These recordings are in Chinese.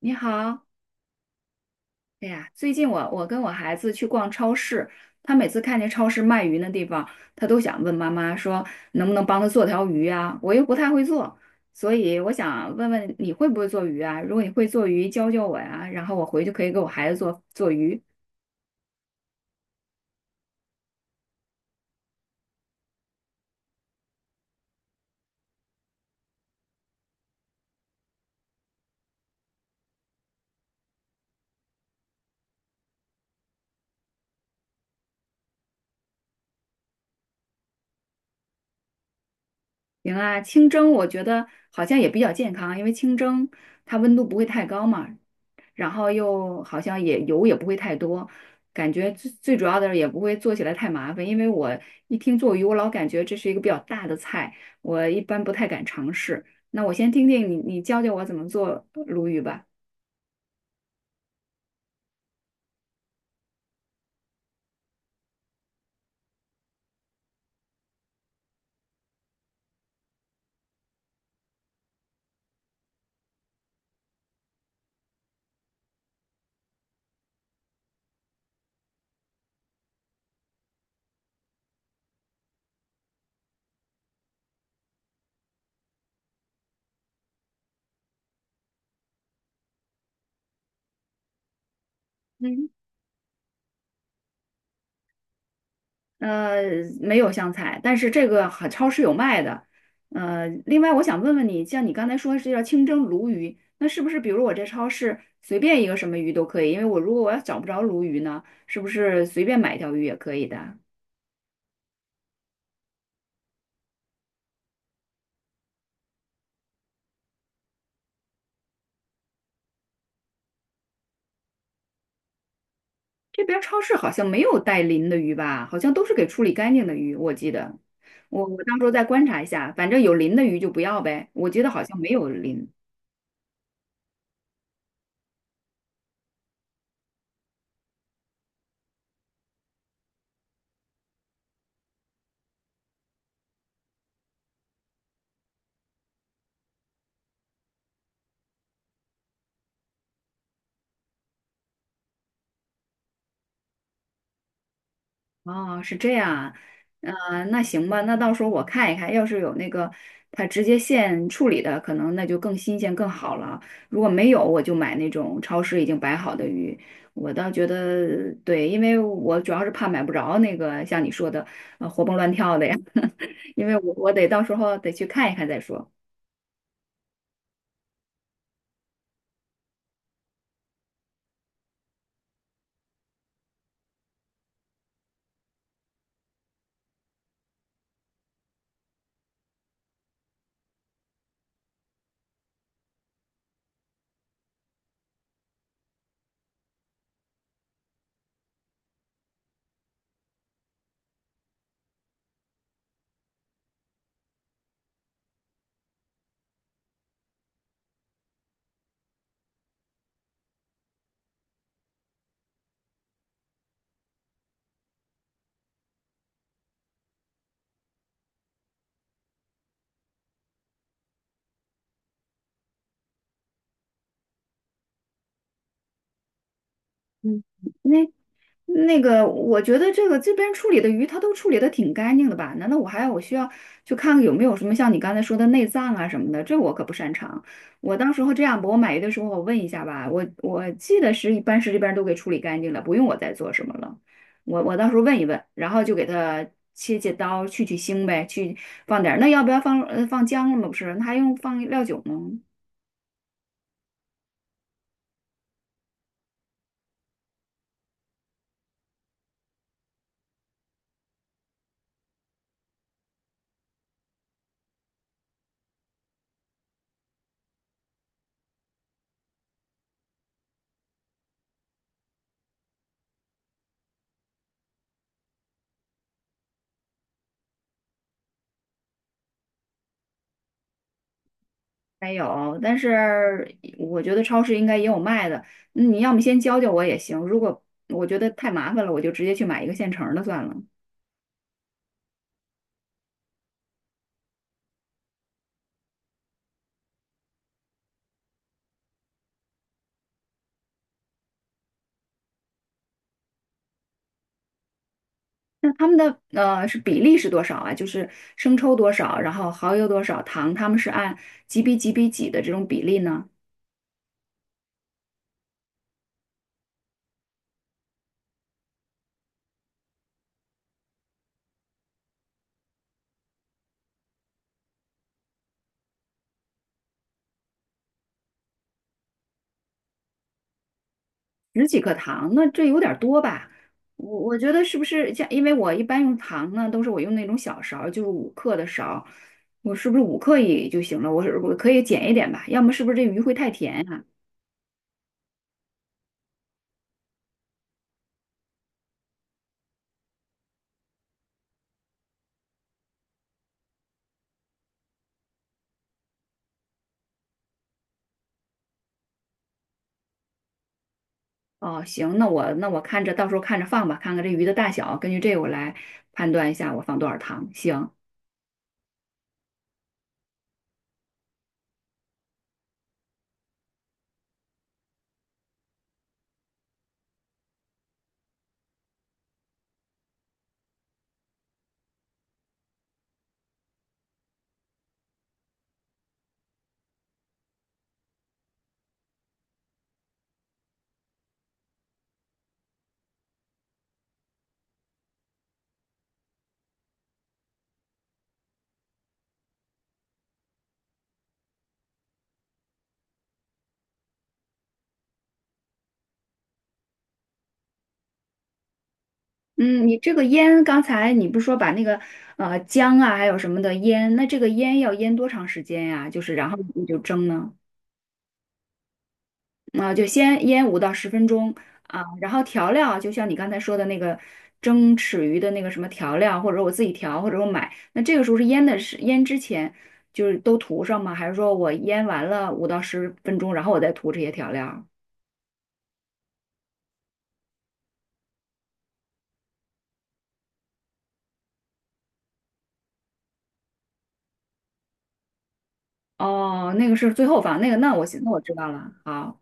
你好。哎呀，最近我跟我孩子去逛超市，他每次看见超市卖鱼那地方，他都想问妈妈说能不能帮他做条鱼啊？我又不太会做，所以我想问问你会不会做鱼啊？如果你会做鱼，教教我呀，然后我回去可以给我孩子做做鱼。行啊，清蒸我觉得好像也比较健康，因为清蒸它温度不会太高嘛，然后又好像也油也不会太多，感觉最最主要的是也不会做起来太麻烦，因为我一听做鱼，我老感觉这是一个比较大的菜，我一般不太敢尝试。那我先听听你，你教教我怎么做鲈鱼吧。嗯。呃，没有香菜，但是这个好超市有卖的。另外我想问问你，像你刚才说是叫清蒸鲈鱼，那是不是比如我这超市随便一个什么鱼都可以？因为我如果我要找不着鲈鱼呢，是不是随便买一条鱼也可以的？这边儿超市好像没有带鳞的鱼吧？好像都是给处理干净的鱼，我记得。我到时候再观察一下，反正有鳞的鱼就不要呗。我觉得好像没有鳞。啊，是这样啊。那行吧，那到时候我看一看，要是有那个它直接现处理的，可能那就更新鲜更好了。如果没有，我就买那种超市已经摆好的鱼。我倒觉得对，因为我主要是怕买不着那个像你说的，活蹦乱跳的呀，因为我得到时候得去看一看再说。嗯。那那个，我觉得这个这边处理的鱼，它都处理的挺干净的吧？难道我还要我需要去看看有没有什么像你刚才说的内脏啊什么的？这我可不擅长。我到时候这样吧，我买鱼的时候我问一下吧，我记得是一般是这边都给处理干净了，不用我再做什么了。我到时候问一问，然后就给它切切刀，去去腥呗，去放点儿那要不要放放姜了吗？不是，那还用放料酒吗？没有，但是我觉得超市应该也有卖的。嗯你要么先教教我也行，如果我觉得太麻烦了，我就直接去买一个现成儿的算了。那他们的是比例是多少啊？就是生抽多少，然后蚝油多少，糖他们是按几比几比几的这种比例呢？10几克糖，那这有点儿多吧？我我觉得是不是像，因为我一般用糖呢，都是我用那种小勺儿就是5克的勺儿我是不是五克也就行了？我是我可以减一点吧，要么是不是这鱼会太甜呀？哦，行，那我那我看着到时候看着放吧，看看这鱼的大小，根据这个我来判断一下我放多少糖。行。嗯，你这个腌，刚才你不是说把那个姜啊还有什么的腌，那这个腌要腌多长时间呀？就是然后你就蒸呢？啊，就先腌五到十分钟啊，然后调料就像你刚才说的那个蒸豉鱼的那个什么调料，或者我自己调，或者我买，那这个时候是腌的是腌之前就是都涂上吗？还是说我腌完了五到十分钟，然后我再涂这些调料？哦，那个是最后放，那个那我行，那我知道了。好。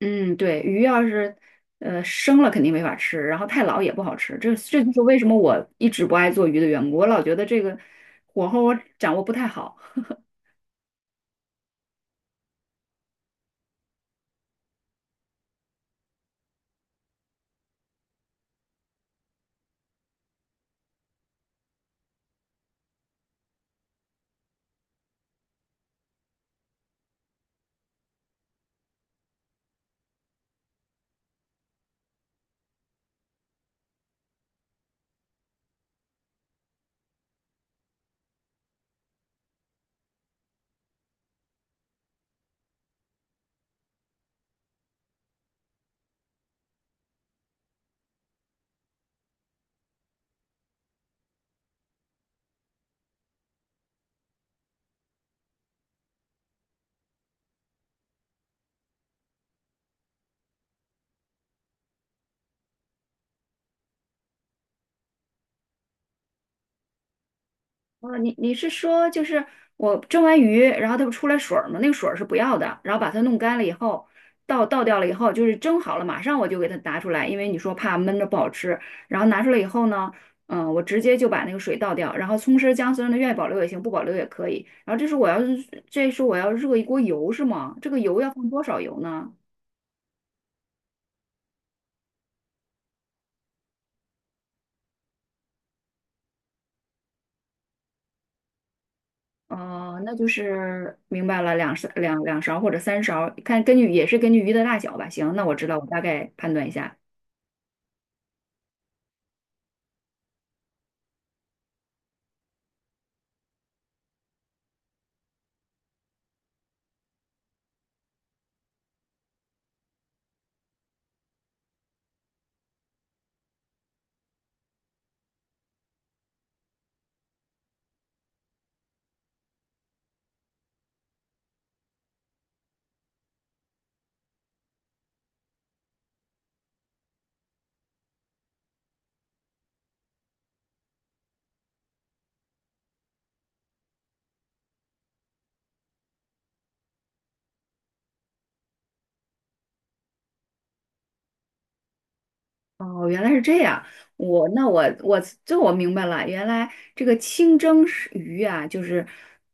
嗯，对，鱼要是生了肯定没法吃，然后太老也不好吃，这这就是为什么我一直不爱做鱼的缘故。我老觉得这个火候我掌握不太好。哦，你你是说就是我蒸完鱼，然后它不出来水儿吗？那个水儿是不要的，然后把它弄干了以后，倒倒掉了以后，就是蒸好了，马上我就给它拿出来，因为你说怕闷着不好吃。然后拿出来以后呢，嗯，我直接就把那个水倒掉，然后葱丝儿姜丝儿呢，愿意保留也行，不保留也可以。然后这是我要热一锅油是吗？这个油要放多少油呢？哦，那就是明白了，两勺两勺或者三勺，看根据也是根据鱼的大小吧。行，那我知道，我大概判断一下。哦，原来是这样。我这我明白了，原来这个清蒸是鱼啊，就是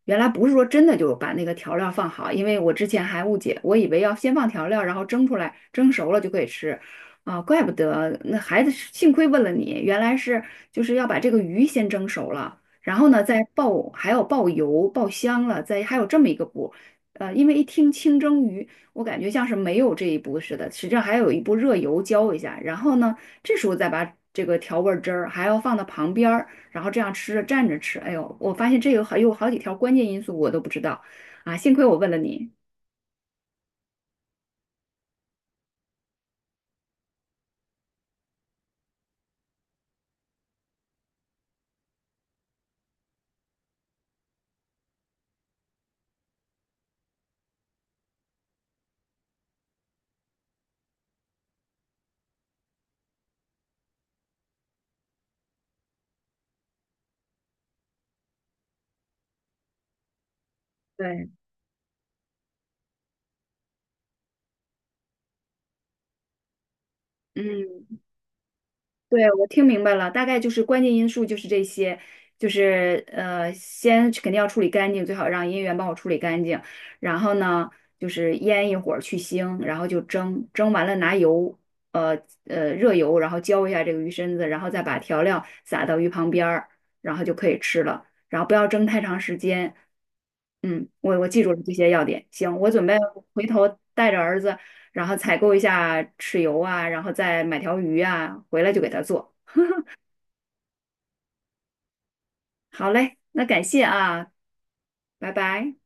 原来不是说真的就把那个调料放好，因为我之前还误解，我以为要先放调料，然后蒸出来，蒸熟了就可以吃。啊，怪不得那孩子是幸亏问了你，原来是就是要把这个鱼先蒸熟了，然后呢再爆，还要爆油、爆香了，再还有这么一个步。因为一听清蒸鱼，我感觉像是没有这一步似的，实际上还有一步热油浇一下，然后呢。这时候再把这个调味汁儿还要放到旁边儿，然后这样吃着蘸着吃。哎呦，我发现这有好几条关键因素我都不知道啊，幸亏我问了你。对。嗯，对，我听明白了，大概就是关键因素就是这些，就是先肯定要处理干净，最好让音源帮我处理干净。然后呢，就是腌一会儿去腥，然后就蒸，蒸完了拿油，呃热油，然后浇一下这个鱼身子，然后再把调料撒到鱼旁边儿，然后就可以吃了。然后不要蒸太长时间。嗯，我记住了这些要点。行，我准备回头带着儿子。然后采购一下豉油啊，然后再买条鱼啊，回来就给他做。好嘞，那感谢啊。拜拜。